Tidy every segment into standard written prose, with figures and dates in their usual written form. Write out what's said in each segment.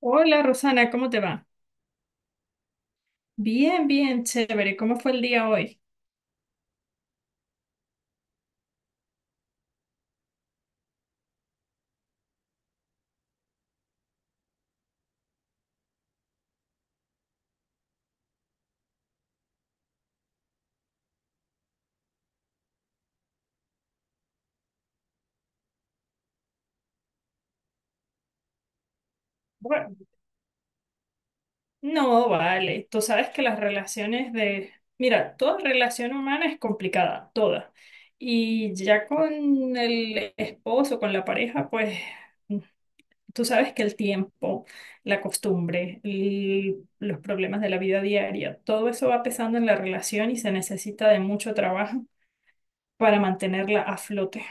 Hola Rosana, ¿cómo te va? Bien, bien, chévere. ¿Cómo fue el día hoy? Bueno, no, vale. Tú sabes que las relaciones de... Mira, toda relación humana es complicada, toda. Y ya con el esposo, con la pareja, pues mm, tú sabes que el tiempo, la costumbre, los problemas de la vida diaria, todo eso va pesando en la relación y se necesita de mucho trabajo para mantenerla a flote.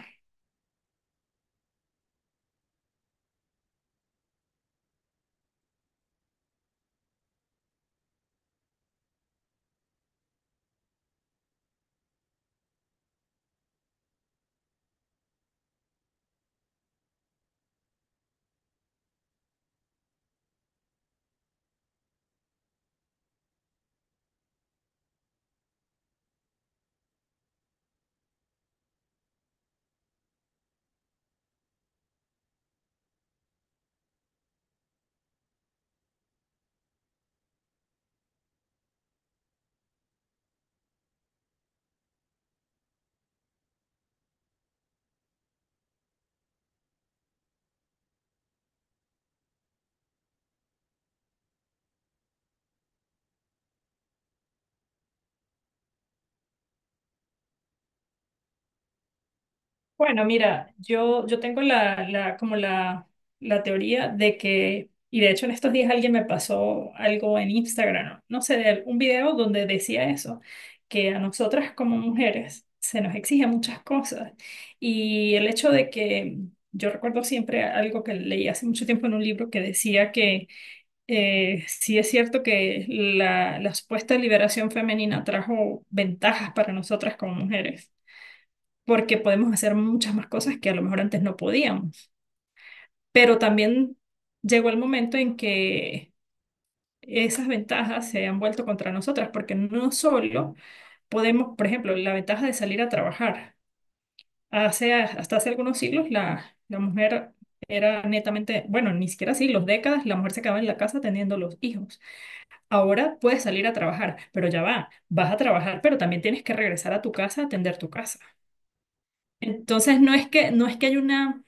Bueno, mira, yo tengo la teoría de que, y de hecho en estos días alguien me pasó algo en Instagram, no sé, de un video donde decía eso, que a nosotras como mujeres se nos exigen muchas cosas. Y el hecho de que, yo recuerdo siempre algo que leí hace mucho tiempo en un libro que decía que sí es cierto que la supuesta liberación femenina trajo ventajas para nosotras como mujeres porque podemos hacer muchas más cosas que a lo mejor antes no podíamos. Pero también llegó el momento en que esas ventajas se han vuelto contra nosotras, porque no solo podemos, por ejemplo, la ventaja de salir a trabajar. Hace, hasta hace algunos siglos la mujer era netamente, bueno, ni siquiera siglos, décadas, la mujer se quedaba en la casa teniendo los hijos. Ahora puedes salir a trabajar, pero ya va, vas a trabajar, pero también tienes que regresar a tu casa a atender tu casa. Entonces, no es que hay una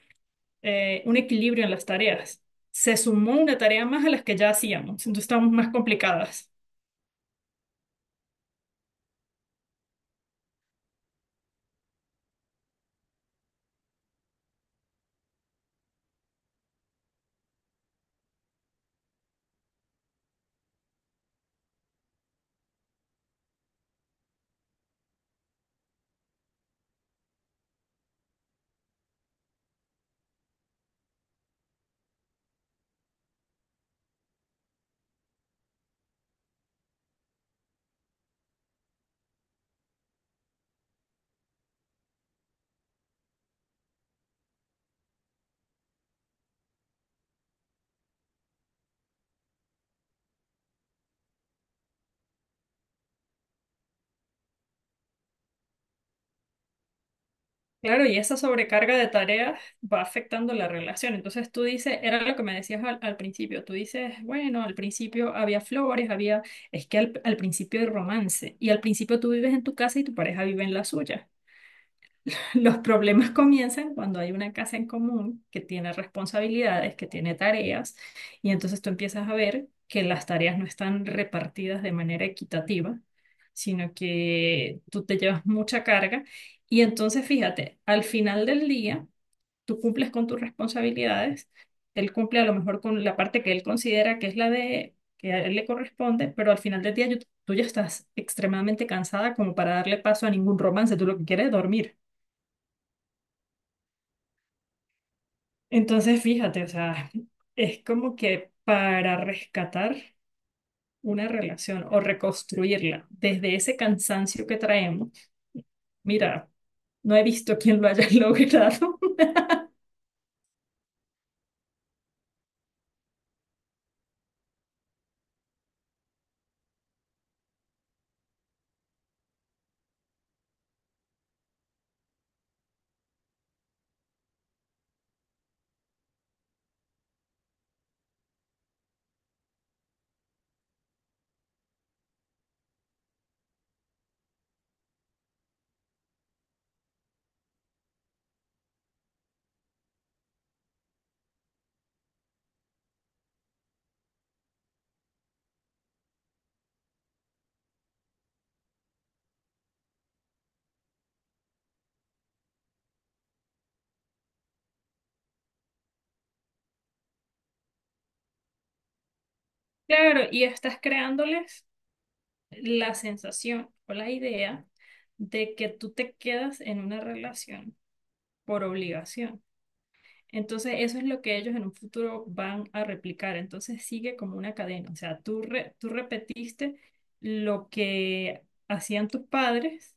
un equilibrio en las tareas. Se sumó una tarea más a las que ya hacíamos, entonces estamos más complicadas. Claro, y esa sobrecarga de tareas va afectando la relación. Entonces tú dices, era lo que me decías al principio, tú dices, bueno, al principio había flores, había, es que al principio hay romance y al principio tú vives en tu casa y tu pareja vive en la suya. Los problemas comienzan cuando hay una casa en común que tiene responsabilidades, que tiene tareas, y entonces tú empiezas a ver que las tareas no están repartidas de manera equitativa, sino que tú te llevas mucha carga. Y entonces, fíjate, al final del día, tú cumples con tus responsabilidades, él cumple a lo mejor con la parte que él considera que es la de que a él le corresponde, pero al final del día tú ya estás extremadamente cansada como para darle paso a ningún romance, tú lo que quieres es dormir. Entonces, fíjate, o sea, es como que para rescatar una relación o reconstruirla desde ese cansancio que traemos, mira, no he visto quién lo haya logrado. Claro, y estás creándoles la sensación o la idea de que tú te quedas en una relación por obligación. Entonces, eso es lo que ellos en un futuro van a replicar. Entonces, sigue como una cadena. O sea, tú repetiste lo que hacían tus padres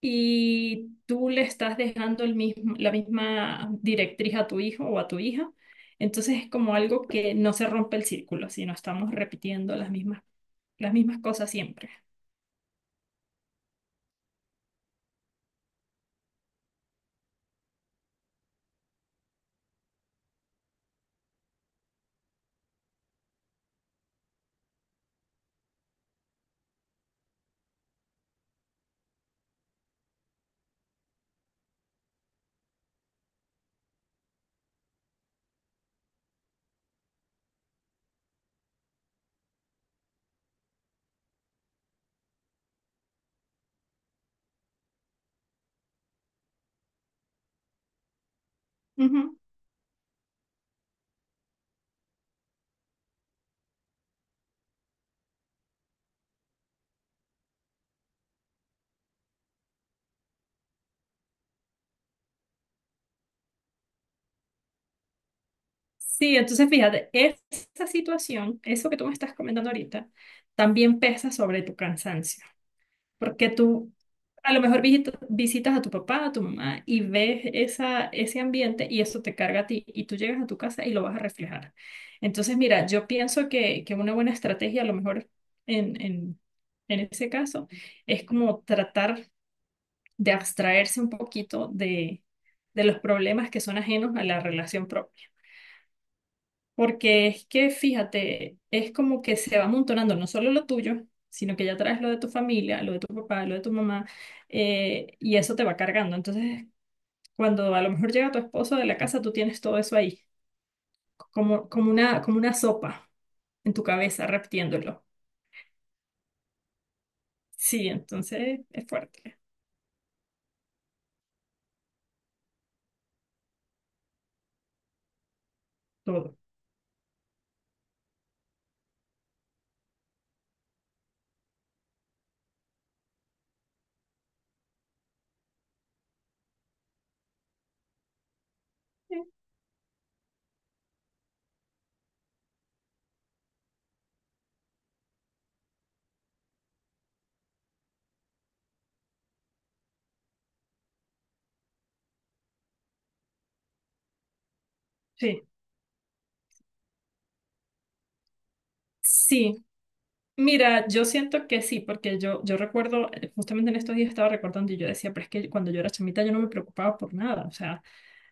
y tú le estás dejando el mismo, la misma directriz a tu hijo o a tu hija. Entonces, es como algo que no se rompe el círculo, sino estamos repitiendo las mismas cosas siempre. Ujú. Sí, entonces fíjate, esa situación, eso que tú me estás comentando ahorita, también pesa sobre tu cansancio. Porque tú a lo mejor visitas a tu papá, a tu mamá y ves esa, ese ambiente y eso te carga a ti y tú llegas a tu casa y lo vas a reflejar. Entonces, mira, yo pienso que una buena estrategia a lo mejor en, en, en ese caso es como tratar de abstraerse un poquito de los problemas que son ajenos a la relación propia. Porque es que, fíjate, es como que se va amontonando no solo lo tuyo, sino que ya traes lo de tu familia, lo de tu papá, lo de tu mamá, y eso te va cargando. Entonces, cuando a lo mejor llega tu esposo de la casa, tú tienes todo eso ahí, como una sopa en tu cabeza, repitiéndolo. Sí, entonces es fuerte todo. Sí, sí. Mira, yo siento que sí, porque yo recuerdo, justamente en estos días estaba recordando y yo decía, pero es que cuando yo era chamita yo no me preocupaba por nada, o sea,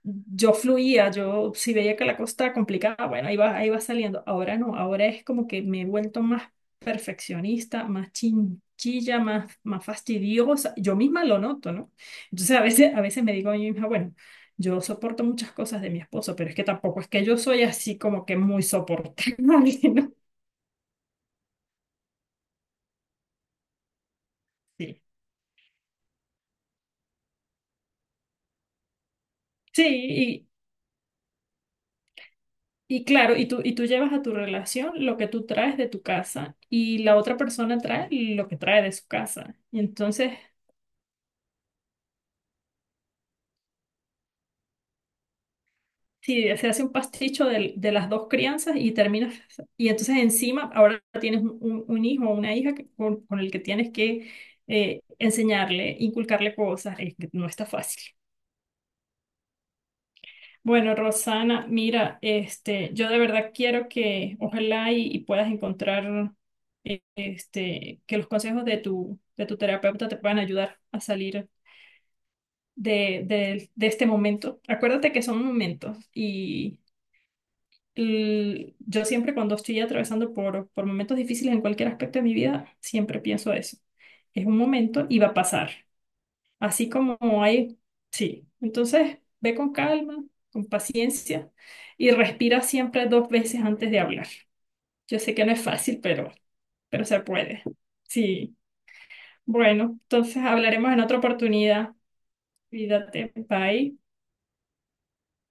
yo fluía, yo si veía que la cosa estaba complicada, bueno, ahí va saliendo. Ahora no, ahora es como que me he vuelto más perfeccionista, más chinchilla, más, más fastidiosa. Yo misma lo noto, ¿no? Entonces a veces me digo a mí misma, bueno, yo soporto muchas cosas de mi esposo, pero es que tampoco es que yo soy así como que muy soportable, ¿no? Sí. Sí, y claro, y tú llevas a tu relación lo que tú traes de tu casa y la otra persona trae lo que trae de su casa. Y entonces sí, se hace un pasticho las dos crianzas y terminas, y entonces encima ahora tienes un, un hijo o una hija que- con el que tienes que enseñarle, inculcarle cosas, es que no está fácil. Bueno, Rosana, mira, este, yo de verdad quiero que ojalá y puedas encontrar este, que los consejos de tu terapeuta te puedan ayudar a salir de este momento. Acuérdate que son momentos y yo siempre cuando estoy atravesando por momentos difíciles en cualquier aspecto de mi vida, siempre pienso eso. Es un momento y va a pasar. Así como hay, sí. Entonces, ve con calma, con paciencia y respira siempre 2 veces antes de hablar. Yo sé que no es fácil, pero se puede. Sí. Bueno, entonces hablaremos en otra oportunidad. Cuídate. Bye.